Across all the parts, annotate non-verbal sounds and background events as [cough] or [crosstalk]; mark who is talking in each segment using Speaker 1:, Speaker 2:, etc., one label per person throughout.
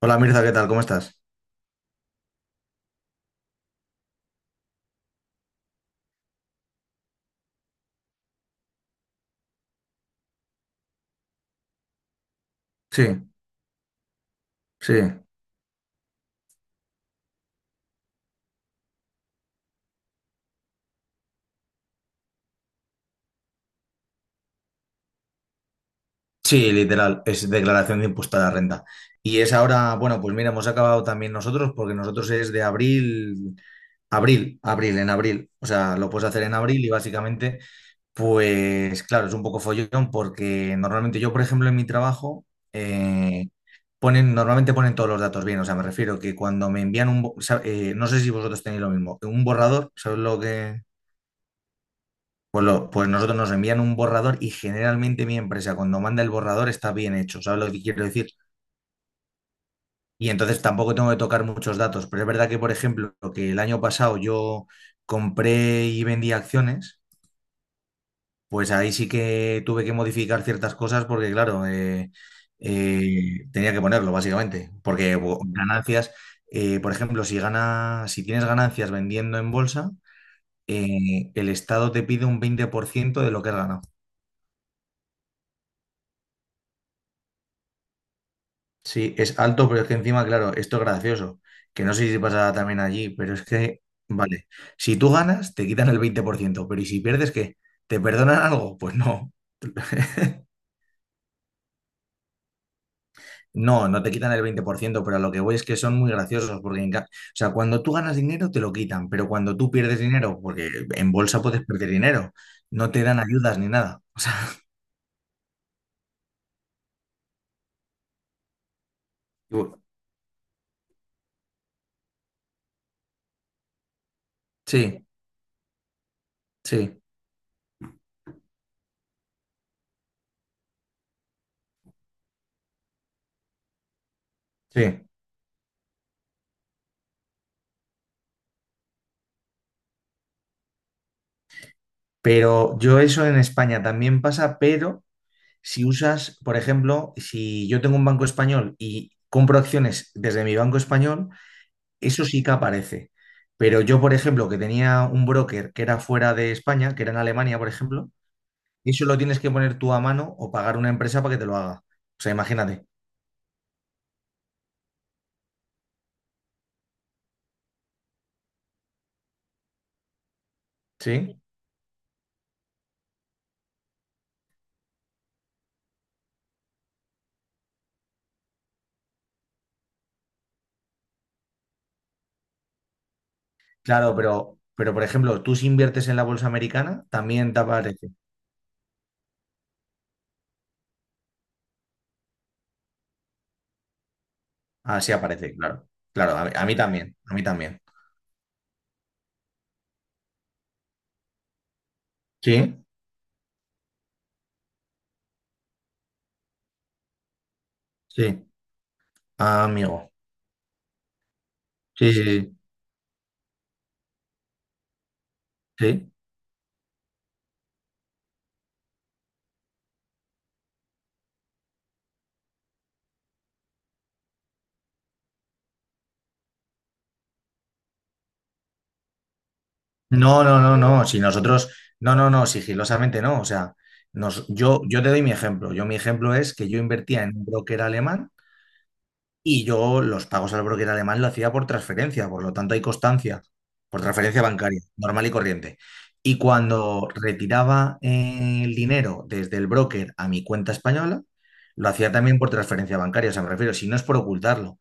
Speaker 1: Hola Mirza, ¿qué tal? ¿Cómo estás? Sí, sí, sí, literal, es declaración de impuesto a la renta. Y es ahora, bueno, pues mira, hemos acabado también nosotros porque nosotros es de abril, abril, abril, en abril. O sea, lo puedes hacer en abril y básicamente, pues claro, es un poco follón porque normalmente yo, por ejemplo, en mi trabajo, eh, ponen, normalmente ponen todos los datos bien. O sea, me refiero que cuando me envían un, no sé si vosotros tenéis lo mismo, un borrador, ¿sabes lo que...? Pues nosotros nos envían un borrador y generalmente mi empresa cuando manda el borrador está bien hecho, ¿sabes lo que quiero decir? Y entonces tampoco tengo que tocar muchos datos, pero es verdad que, por ejemplo, que el año pasado yo compré y vendí acciones, pues ahí sí que tuve que modificar ciertas cosas porque, claro, tenía que ponerlo, básicamente, porque ganancias, por ejemplo, si tienes ganancias vendiendo en bolsa, el Estado te pide un 20% de lo que has ganado. Sí, es alto, pero es que encima, claro, esto es gracioso, que no sé si pasa también allí, pero es que, vale, si tú ganas, te quitan el 20%. Pero ¿y si pierdes qué? ¿Te perdonan algo? Pues no. [laughs] No, no te quitan el 20%. Pero a lo que voy es que son muy graciosos, porque en o sea, cuando tú ganas dinero te lo quitan, pero cuando tú pierdes dinero, porque en bolsa puedes perder dinero, no te dan ayudas ni nada. [laughs] O sea, sí, sí, sí. Pero yo eso en España también pasa, pero... Si usas, por ejemplo, si yo tengo un banco español y compro acciones desde mi banco español, eso sí que aparece. Pero yo, por ejemplo, que tenía un broker que era fuera de España, que era en Alemania, por ejemplo, eso lo tienes que poner tú a mano o pagar una empresa para que te lo haga. O sea, imagínate, ¿sí? Claro, pero por ejemplo, tú si inviertes en la bolsa americana, también te aparece. Ah, sí aparece, claro. Claro, a mí también, a mí también. Sí, sí, ah, amigo. Sí, sí, sí. Sí. No, no, no, no. Si nosotros, no, no, no, sigilosamente no. O sea, yo te doy mi ejemplo. Yo, mi ejemplo es que yo invertía en un broker alemán y yo los pagos al broker alemán lo hacía por transferencia, por lo tanto hay constancia, por transferencia bancaria, normal y corriente. Y cuando retiraba el dinero desde el broker a mi cuenta española, lo hacía también por transferencia bancaria. O sea, me refiero, si no es por ocultarlo.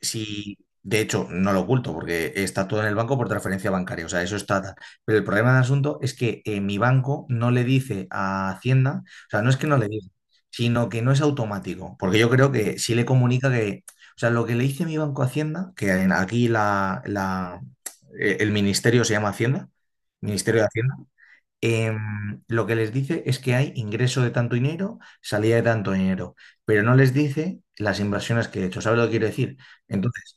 Speaker 1: Si, de hecho, no lo oculto porque está todo en el banco por transferencia bancaria, o sea, eso está tal. Pero el problema del asunto es que mi banco no le dice a Hacienda, o sea, no es que no le diga, sino que no es automático, porque yo creo que sí le comunica que, o sea, lo que le dice mi banco a Hacienda, que aquí el ministerio se llama Hacienda, Ministerio de Hacienda, lo que les dice es que hay ingreso de tanto dinero, salida de tanto dinero, pero no les dice las inversiones que he hecho. ¿Sabes lo que quiero decir? Entonces,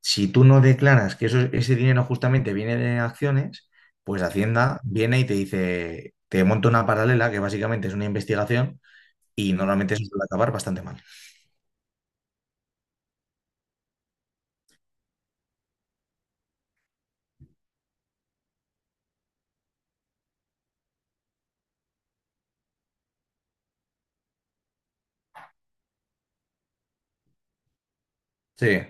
Speaker 1: si tú no declaras que eso, ese dinero justamente viene de acciones, pues Hacienda viene y te dice, te monta una paralela que básicamente es una investigación y normalmente eso suele acabar bastante mal. Sí.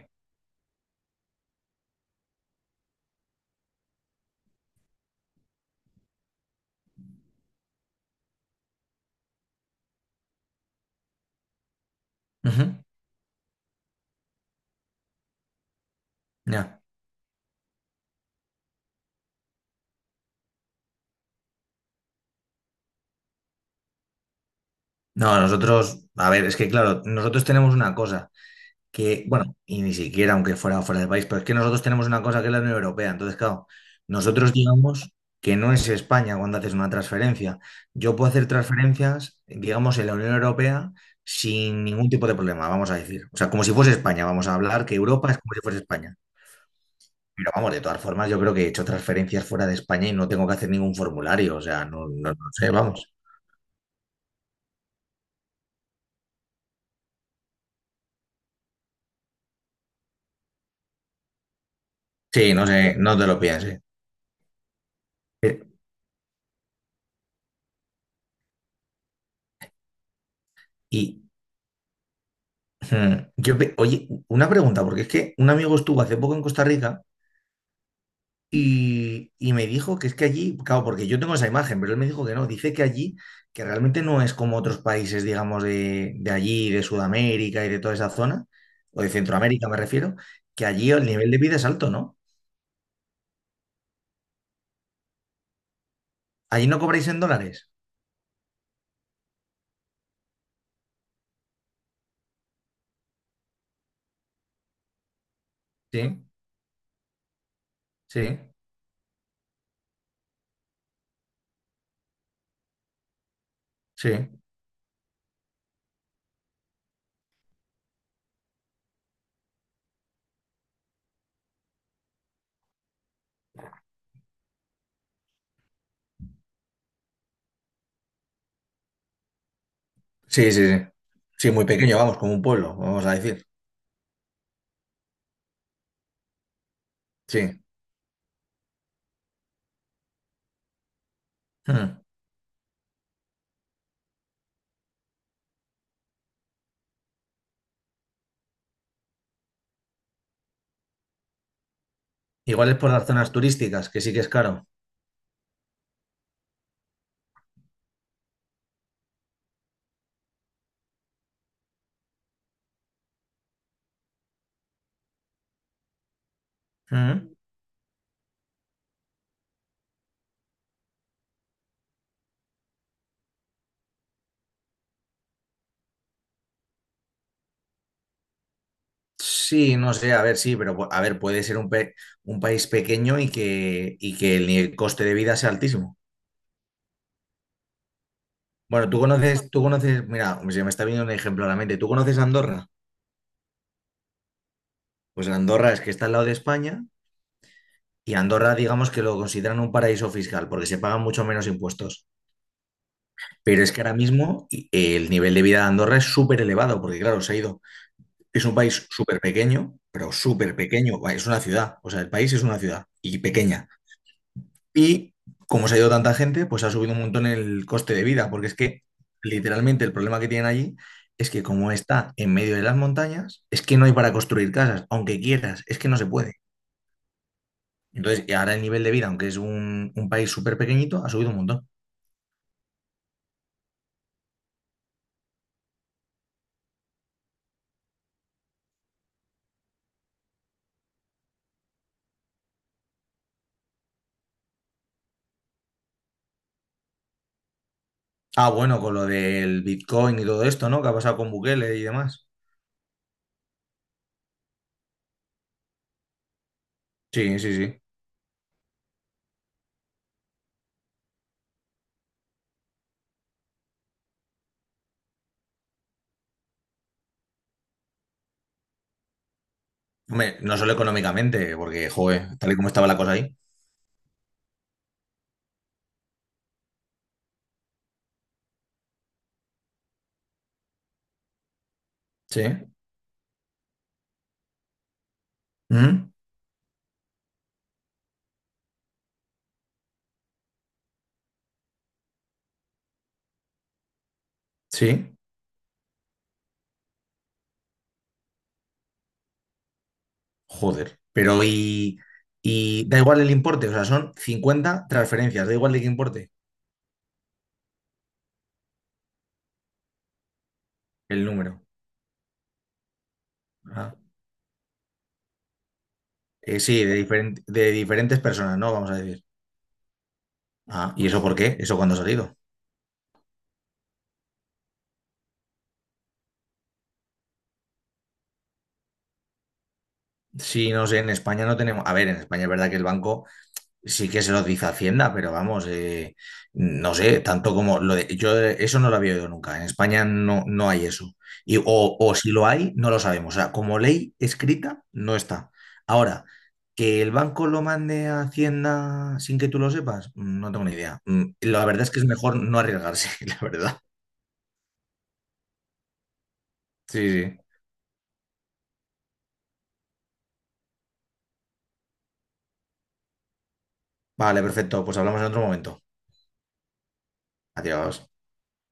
Speaker 1: Ujú. Ya. No, nosotros, a ver, es que claro, nosotros tenemos una cosa, que, bueno, y ni siquiera aunque fuera fuera del país, pero es que nosotros tenemos una cosa que es la Unión Europea. Entonces, claro, nosotros digamos que no es España cuando haces una transferencia. Yo puedo hacer transferencias, digamos, en la Unión Europea sin ningún tipo de problema, vamos a decir. O sea, como si fuese España, vamos a hablar que Europa es como si fuese España. Pero vamos, de todas formas, yo creo que he hecho transferencias fuera de España y no tengo que hacer ningún formulario. O sea, no, no, no sé, vamos. Sí, no sé, no te lo pienses. Eh, Y, Hmm. Oye, una pregunta, porque es que un amigo estuvo hace poco en Costa Rica y me dijo que es que allí, claro, porque yo tengo esa imagen, pero él me dijo que no, dice que allí, que realmente no es como otros países, digamos, de allí, de Sudamérica y de toda esa zona, o de Centroamérica me refiero, que allí el nivel de vida es alto, ¿no? Allí no cobráis en dólares. Sí, sí, sí. Sí, sí, sí. Sí, muy pequeño, vamos, como un pueblo, vamos a decir. Sí. Hmm. Igual es por las zonas turísticas, que sí que es caro. Sí, no sé, a ver, sí, pero a ver, puede ser un país pequeño y que, coste de vida sea altísimo. Bueno, mira, se me está viniendo un ejemplo a la mente. ¿Tú conoces Andorra? Pues Andorra es que está al lado de España y Andorra, digamos que lo consideran un paraíso fiscal porque se pagan mucho menos impuestos. Pero es que ahora mismo el nivel de vida de Andorra es súper elevado porque, claro, se ha ido. Es un país súper pequeño, pero súper pequeño. Es una ciudad, o sea, el país es una ciudad y pequeña. Y como se ha ido tanta gente, pues ha subido un montón el coste de vida, porque es que literalmente el problema que tienen allí es que como está en medio de las montañas, es que no hay para construir casas, aunque quieras, es que no se puede. Entonces, y ahora el nivel de vida, aunque es un país súper pequeñito, ha subido un montón. Ah, bueno, con lo del Bitcoin y todo esto, ¿no? Que ha pasado con Bukele y demás. Sí, sí, sí. Hombre, no solo económicamente, porque, joder, tal y como estaba la cosa ahí. Sí. ¿Mm? Sí. Joder, pero y da igual el importe, o sea, son 50 transferencias, da igual de qué importe el número. Ah, sí, de diferentes personas, ¿no? Vamos a decir. Ah, ¿y eso por qué? ¿Eso cuándo ha salido? Sí, no sé, en España no tenemos. A ver, en España es verdad que el banco sí que se los dice Hacienda, pero vamos, no sé, tanto como lo de, yo eso no lo había oído nunca. En España no, no hay eso. O si lo hay, no lo sabemos. O sea, como ley escrita, no está. Ahora, que el banco lo mande a Hacienda sin que tú lo sepas, no tengo ni idea. La verdad es que es mejor no arriesgarse, [laughs] la verdad. Sí, sí. Vale, perfecto. Pues hablamos en otro momento. Adiós.